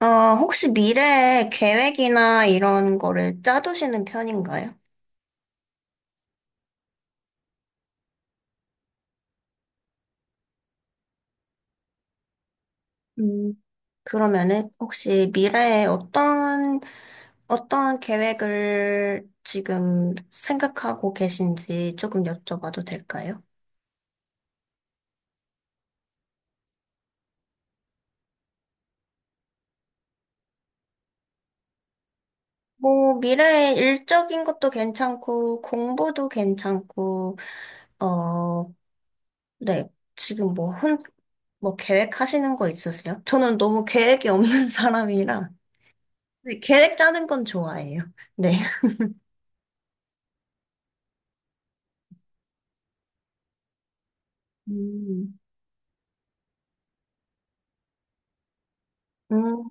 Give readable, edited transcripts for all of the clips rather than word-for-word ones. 어, 혹시 미래에 계획이나 이런 거를 짜두시는 편인가요? 음, 그러면은 혹시 미래에 어떤 계획을 지금 생각하고 계신지 조금 여쭤봐도 될까요? 뭐, 미래에 일적인 것도 괜찮고, 공부도 괜찮고, 어, 네. 지금 뭐 계획하시는 거 있으세요? 저는 너무 계획이 없는 사람이라, 네, 계획 짜는 건 좋아해요. 네. 음. 음,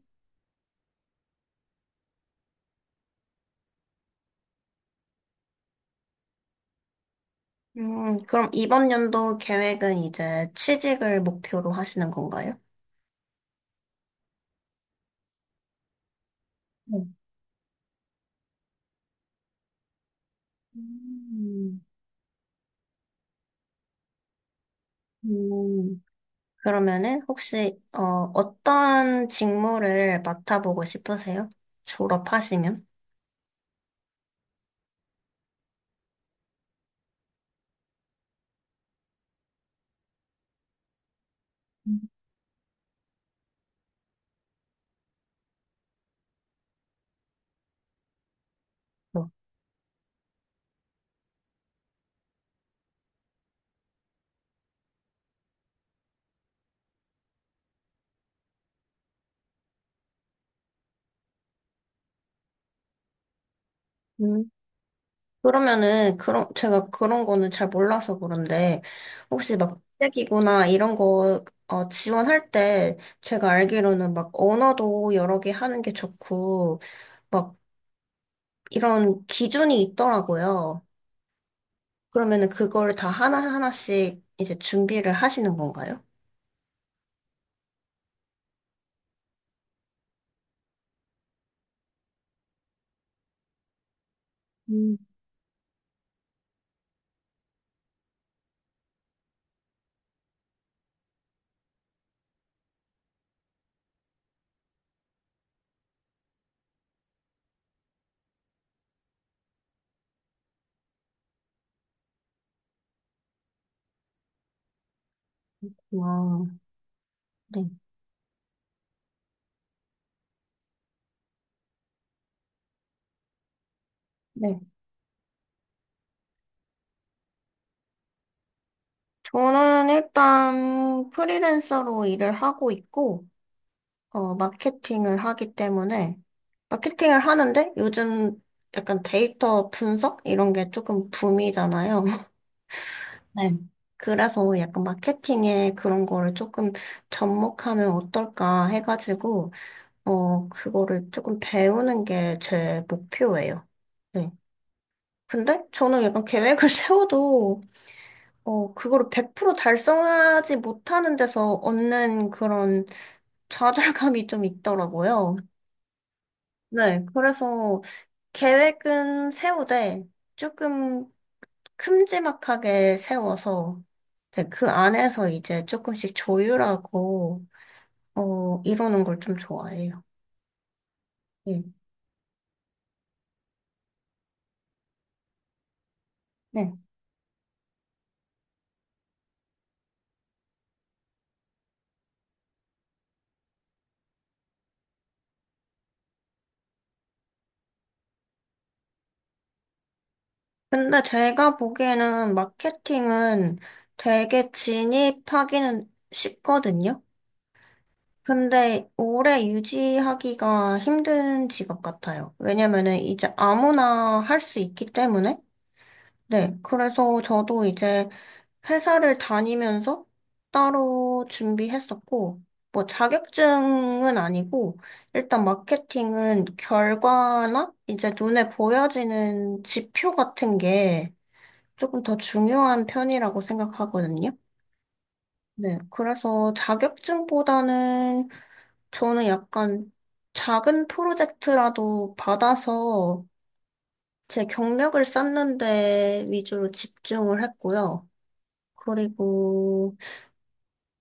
그럼 이번 연도 계획은 이제 취직을 목표로 하시는 건가요? 네. 음. 음. 그러면은 혹시 어떤 직무를 맡아보고 싶으세요? 졸업하시면? 음. 어. 음. 그러면은 그런 제가 그런 거는 잘 몰라서 그런데 혹시 막 국제기구나 이런 거 지원할 때 제가 알기로는 막 언어도 여러 개 하는 게 좋고 이런 기준이 있더라고요. 그러면은 그거를 다 하나하나씩 이제 준비를 하시는 건가요? 음, 와, 네. 네. 저는 일단 프리랜서로 일을 하고 있고, 어, 마케팅을 하기 때문에, 마케팅을 하는데 요즘 약간 데이터 분석? 이런 게 조금 붐이잖아요. 네. 그래서 약간 마케팅에 그런 거를 조금 접목하면 어떨까 해가지고, 그거를 조금 배우는 게 제 목표예요. 네. 근데 저는 약간 계획을 세워도, 그거를 100% 달성하지 못하는 데서 얻는 그런 좌절감이 좀 있더라고요. 네. 그래서 계획은 세우되 조금 큼지막하게 세워서, 네, 그 안에서 이제 조금씩 조율하고, 이러는 걸 좀 좋아해요. 예. 네. 근데 제가 보기에는 마케팅은 되게 진입하기는 쉽거든요. 근데 오래 유지하기가 힘든 직업 같아요. 왜냐면은 이제 아무나 할 수 있기 때문에. 네. 그래서 저도 이제 회사를 다니면서 따로 준비했었고, 뭐 자격증은 아니고, 일단 마케팅은 결과나 이제 눈에 보여지는 지표 같은 게 조금 더 중요한 편이라고 생각하거든요. 네, 그래서 자격증보다는 저는 약간 작은 프로젝트라도 받아서 제 경력을 쌓는 데 위주로 집중을 했고요. 그리고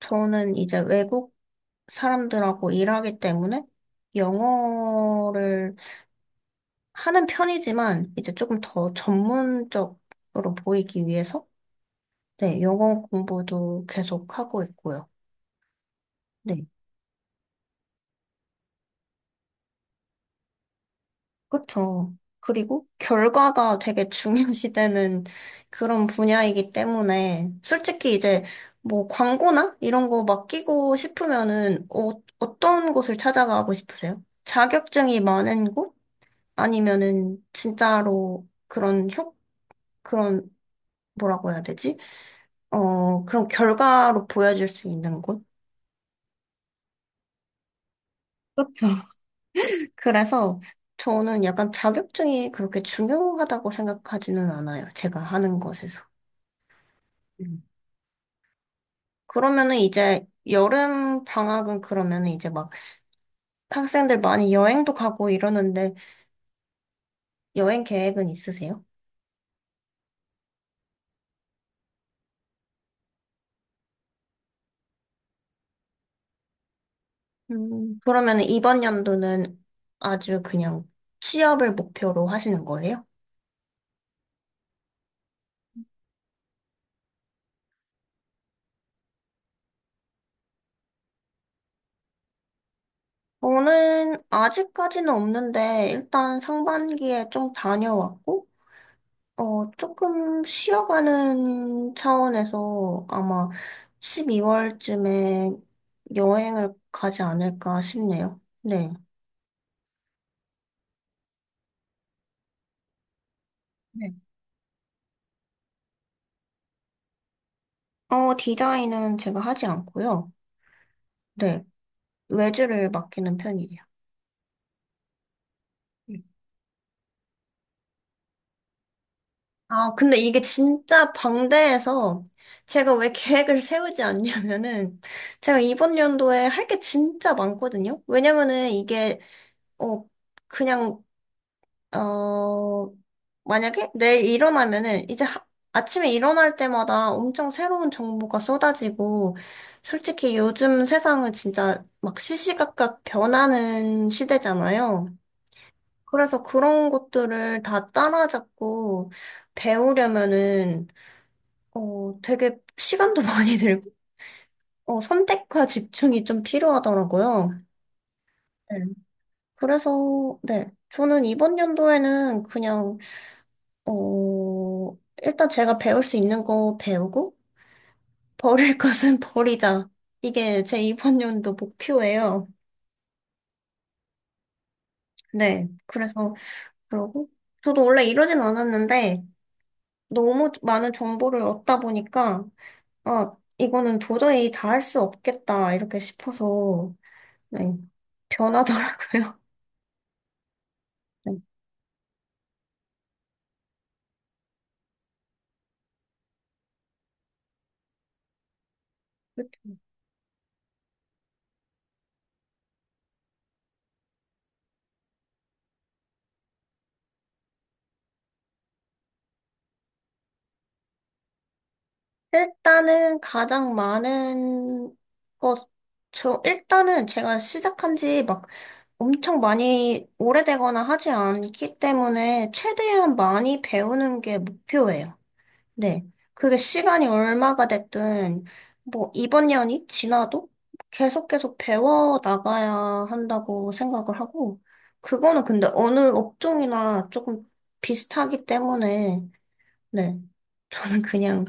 저는 이제 외국 사람들하고 일하기 때문에 영어를 하는 편이지만 이제 조금 더 전문적으로 보이기 위해서, 네, 영어 공부도 계속 하고 있고요. 네. 그쵸. 그리고 결과가 되게 중요시되는 그런 분야이기 때문에 솔직히 이제 뭐 광고나 이런 거 맡기고 싶으면은 어떤 곳을 찾아가고 싶으세요? 자격증이 많은 곳? 아니면은 진짜로 그런, 뭐라고 해야 되지? 그런 결과로 보여줄 수 있는 곳? 그렇죠. 그래서 저는 약간 자격증이 그렇게 중요하다고 생각하지는 않아요. 제가 하는 것에서. 그러면은 이제 여름 방학은 그러면은 이제 막 학생들 많이 여행도 가고 이러는데 여행 계획은 있으세요? 음. 그러면은 이번 연도는 아주 그냥 취업을 목표로 하시는 거예요? 저는 아직까지는 없는데 일단 상반기에 좀 다녀왔고, 어, 조금 쉬어가는 차원에서 아마 12월쯤에 여행을 가지 않을까 싶네요. 네. 어, 디자인은 제가 하지 않고요. 네, 외주를 맡기는 편이에요. 음. 아, 근데 이게 진짜 방대해서 제가 왜 계획을 세우지 않냐면은 제가 이번 연도에 할 게 진짜 많거든요. 왜냐면은 이게 어 그냥 어 만약에 내일 일어나면은 아침에 일어날 때마다 엄청 새로운 정보가 쏟아지고 솔직히 요즘 세상은 진짜 막 시시각각 변하는 시대잖아요. 그래서 그런 것들을 다 따라잡고 배우려면은, 되게 시간도 많이 들고, 선택과 집중이 좀 필요하더라고요. 네. 그래서, 네. 저는 이번 연도에는 그냥, 일단 제가 배울 수 있는 거 배우고, 버릴 것은 버리자. 이게 제 이번 연도 목표예요. 네. 그래서, 그러고, 저도 원래 이러진 않았는데, 너무 많은 정보를 얻다 보니까, 아, 이거는 도저히 다 할 수 없겠다, 이렇게 싶어서, 네, 변하더라고요. 네. 일단은 가장 많은 것, 저, 일단은 제가 시작한 지 막 엄청 많이 오래되거나 하지 않기 때문에 최대한 많이 배우는 게 목표예요. 네. 그게 시간이 얼마가 됐든, 뭐, 이번 년이 지나도 계속 배워 나가야 한다고 생각을 하고, 그거는 근데 어느 업종이나 조금 비슷하기 때문에, 네. 저는 그냥,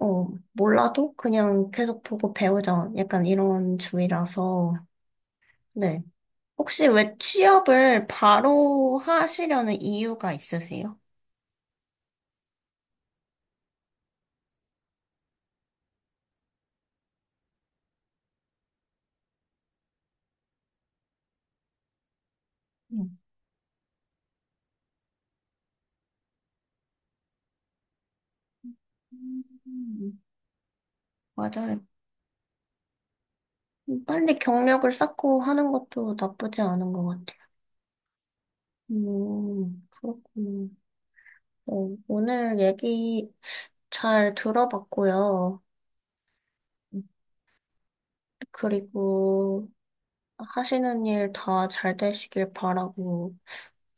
어, 몰라도 그냥 계속 보고 배우자. 약간 이런 주의라서, 네. 혹시 왜 취업을 바로 하시려는 이유가 있으세요? 음. 음. 맞아요. 빨리 경력을 쌓고 하는 것도 나쁘지 않은 것 같아. 그렇군요. 어, 오늘 얘기 잘 들어봤고요. 그리고 하시는 일 다 잘 되시길 바라고,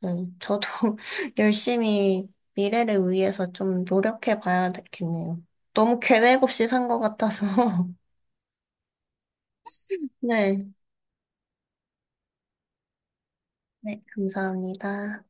네, 저도 열심히 미래를 위해서 좀 노력해 봐야 되겠네요. 너무 계획 없이 산 것 같아서. 네, 네, 감사합니다.